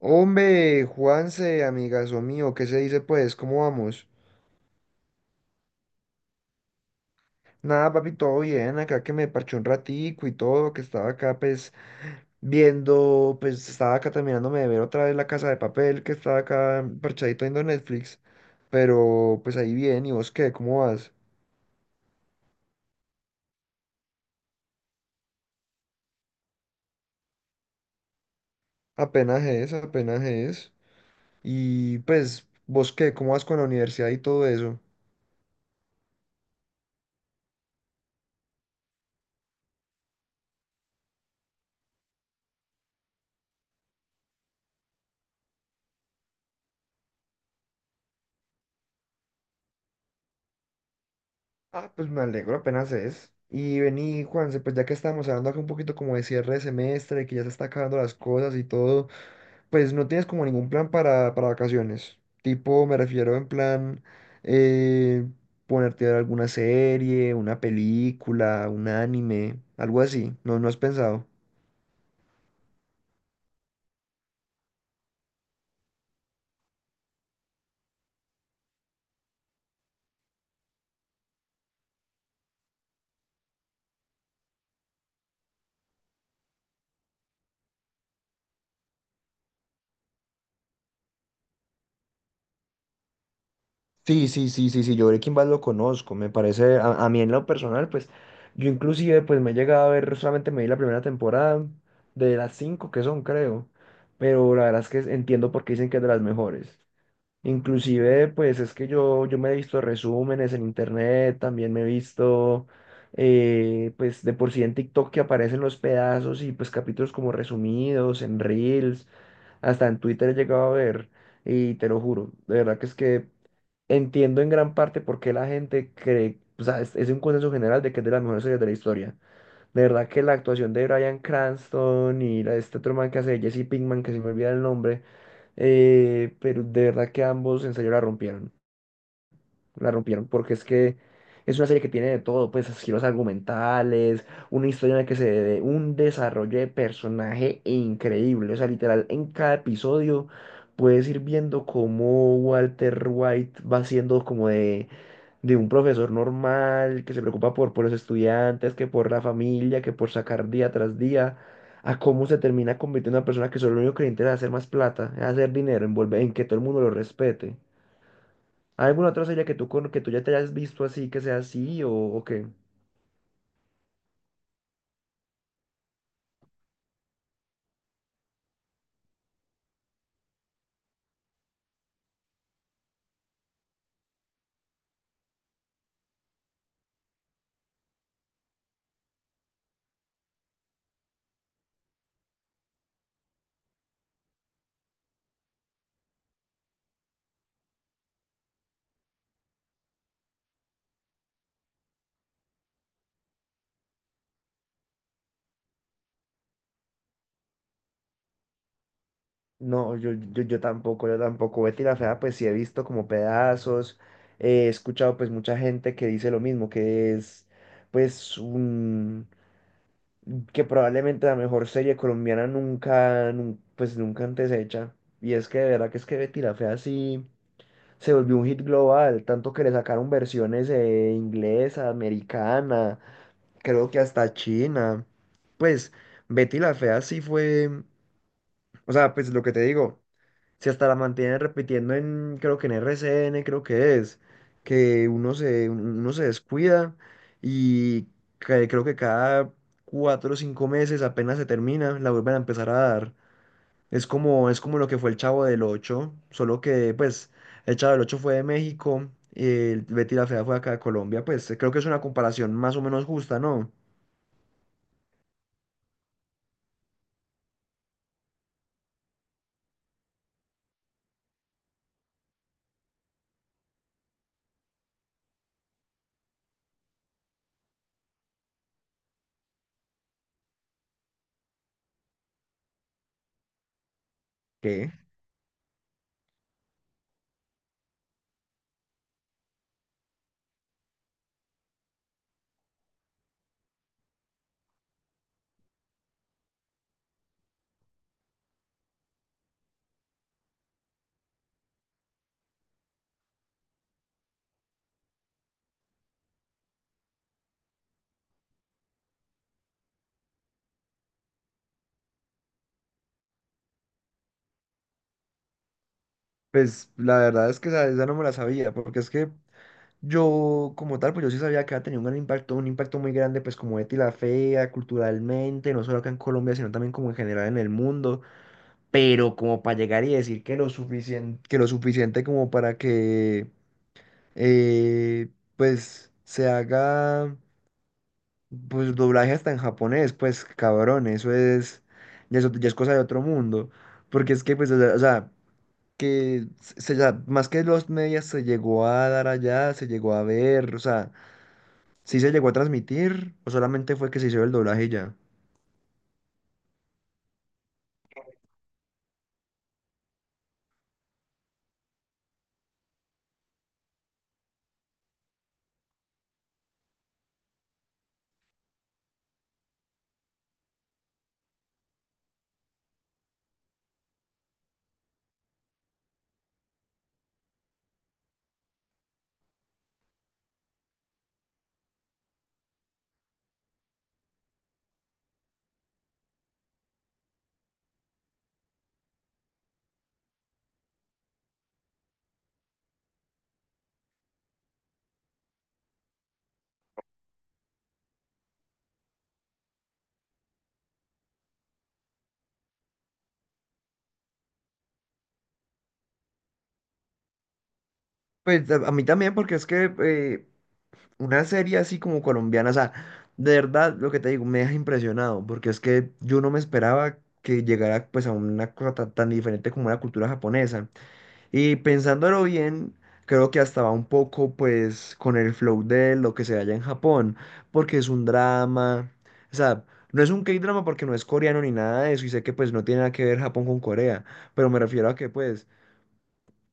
Hombre, Juanse, amigazo mío, ¿qué se dice pues? ¿Cómo vamos? Nada, papi, todo bien, acá que me parché un ratico y todo, que estaba acá pues viendo, pues estaba acá terminándome de ver otra vez La Casa de Papel, que estaba acá parchadito viendo Netflix, pero pues ahí bien, ¿y vos qué? ¿Cómo vas? Apenas es, apenas es. Y pues, ¿vos qué? ¿Cómo vas con la universidad y todo eso? Ah, pues me alegro, apenas es. Y vení, Juanse, pues ya que estamos hablando acá un poquito como de cierre de semestre, que ya se está acabando las cosas y todo, pues no tienes como ningún plan para vacaciones. Tipo, me refiero en plan eh, ponerte a ver alguna serie, una película, un anime, algo así. No, no has pensado. Sí, sí, sí, sí, sí, yo Breaking Bad lo conozco, me parece, a mí en lo personal, pues, yo inclusive, pues, me he llegado a ver, solamente me vi la primera temporada de las cinco que son, creo, pero la verdad es que entiendo por qué dicen que es de las mejores. Inclusive, pues, es que yo me he visto resúmenes en internet, también me he visto, pues, de por sí en TikTok que aparecen los pedazos y, pues, capítulos como resumidos, en Reels, hasta en Twitter he llegado a ver. Y te lo juro, de verdad que es que entiendo en gran parte por qué la gente cree, o sea, es un consenso general de que es de las mejores series de la historia. De verdad que la actuación de Bryan Cranston y la, de este otro man que hace de Jesse Pinkman, que se me olvida el nombre, pero de verdad que ambos en serio la rompieron. La rompieron porque es que es una serie que tiene de todo, pues giros argumentales, una historia en la que se dé un desarrollo de personaje increíble. O sea, literal, en cada episodio puedes ir viendo cómo Walter White va siendo como de un profesor normal que se preocupa por los estudiantes, que por la familia, que por sacar día tras día, a cómo se termina convirtiendo en una persona que solo lo único que le interesa es hacer más plata, es hacer dinero, en volver- en que todo el mundo lo respete. ¿Hay alguna otra serie que tú, con- que tú ya te hayas visto así, que sea así o qué? No, yo tampoco, yo tampoco. Betty la Fea, pues sí he visto como pedazos, he escuchado pues mucha gente que dice lo mismo, que es pues un, que probablemente la mejor serie colombiana nunca, nun- pues nunca antes hecha. Y es que de verdad que es que Betty la Fea sí se volvió un hit global, tanto que le sacaron versiones inglesa, americana. Creo que hasta China. Pues Betty la Fea sí fue, o sea, pues lo que te digo, si hasta la mantienen repitiendo en, creo que en RCN, creo que es, que uno se descuida y que- creo que cada cuatro o cinco meses apenas se termina, la vuelven a empezar a dar. Es como lo que fue el Chavo del Ocho, solo que pues el Chavo del Ocho fue de México y el Betty la Fea fue acá de Colombia, pues creo que es una comparación más o menos justa, ¿no? ¿Qué? Pues la verdad es que esa no me la sabía, porque es que yo como tal, pues yo sí sabía que había tenido un gran impacto, un impacto muy grande, pues como Betty la Fea, culturalmente, no solo acá en Colombia, sino también como en general en el mundo, pero como para llegar y decir que lo suficiente como para que eh, pues se haga pues doblaje hasta en japonés, pues cabrón, eso es, ya es, ot- ya es cosa de otro mundo, porque es que pues, o sea, que se la- más que los medias se llegó a dar allá, se llegó a ver, o sea, sí se llegó a transmitir, o solamente fue que se hizo el doblaje y ya. Pues a mí también, porque es que una serie así como colombiana, o sea, de verdad lo que te digo, me deja impresionado, porque es que yo no me esperaba que llegara pues a una cosa tan, tan diferente como la cultura japonesa. Y pensándolo bien, creo que hasta va un poco pues con el flow de lo que se halla en Japón, porque es un drama, o sea, no es un K-drama porque no es coreano ni nada de eso, y sé que pues no tiene nada que ver Japón con Corea, pero me refiero a que pues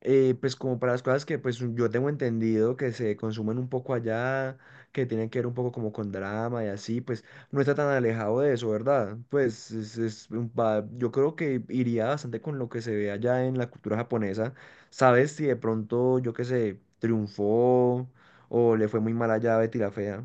pues como para las cosas que pues yo tengo entendido que se consumen un poco allá, que tienen que ver un poco como con drama y así, pues no está tan alejado de eso, ¿verdad? Pues es un pa- yo creo que iría bastante con lo que se ve allá en la cultura japonesa. ¿Sabes si de pronto, yo qué sé, triunfó o le fue muy mal allá a Betty la Fea?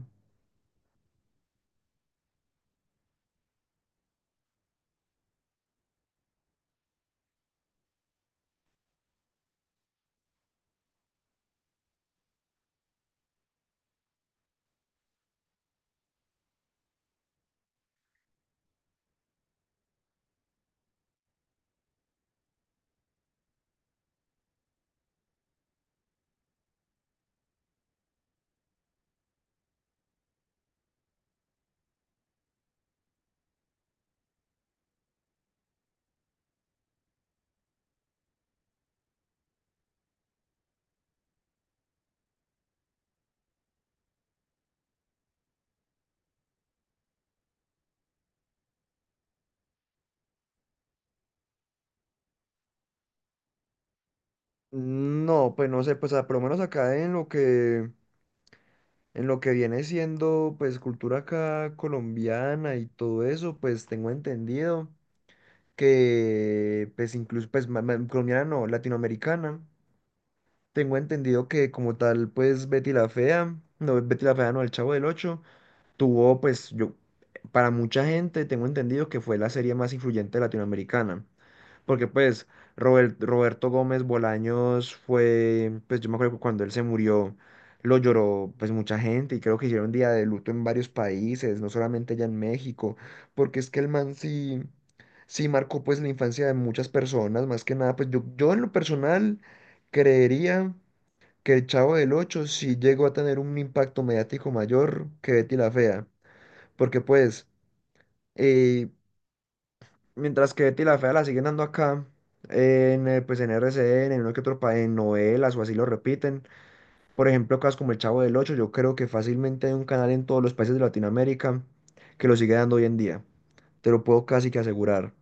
No, pues no sé, pues a- por lo menos acá en lo que viene siendo pues cultura acá colombiana y todo eso, pues tengo entendido que pues incluso pues ma- ma- colombiana no, latinoamericana. Tengo entendido que como tal pues Betty la Fea, no Betty la Fea no, El Chavo del Ocho, tuvo pues yo, para mucha gente tengo entendido que fue la serie más influyente latinoamericana. Porque pues Robert- Roberto Gómez Bolaños fue, pues yo me acuerdo que cuando él se murió, lo lloró pues mucha gente y creo que hicieron día de luto en varios países, no solamente allá en México, porque es que el man sí, sí marcó pues la infancia de muchas personas, más que nada, pues yo en lo personal creería que el Chavo del Ocho sí llegó a tener un impacto mediático mayor que Betty la Fea, porque pues... eh, mientras que Betty la Fea la siguen dando acá, en, pues en RCN, en uno que otro pa- en novelas o así lo repiten. Por ejemplo, cosas como El Chavo del Ocho, yo creo que fácilmente hay un canal en todos los países de Latinoamérica que lo sigue dando hoy en día. Te lo puedo casi que asegurar.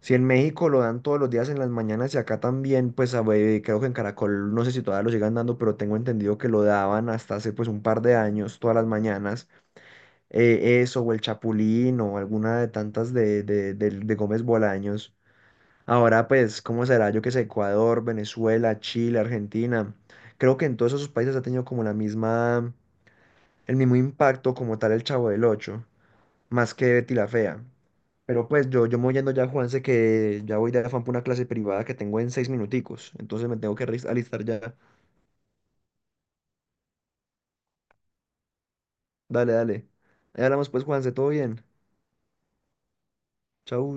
Si en México lo dan todos los días en las mañanas y acá también, pues a ver, creo que en Caracol, no sé si todavía lo sigan dando, pero tengo entendido que lo daban hasta hace pues un par de años, todas las mañanas. Eso, o El Chapulín, o alguna de tantas de, del- de Gómez Bolaños. Ahora, pues, ¿cómo será? Yo que sé, Ecuador, Venezuela, Chile, Argentina. Creo que en todos esos países ha tenido como la misma, el mismo impacto como tal el Chavo del Ocho, más que Betty la Fea. Pero pues yo me voy yendo ya, Juanse, que ya voy de afán por una clase privada que tengo en seis minuticos. Entonces me tengo que alis- alistar ya. Dale, dale. Ahí hablamos pues, Juanse, todo bien. Chau.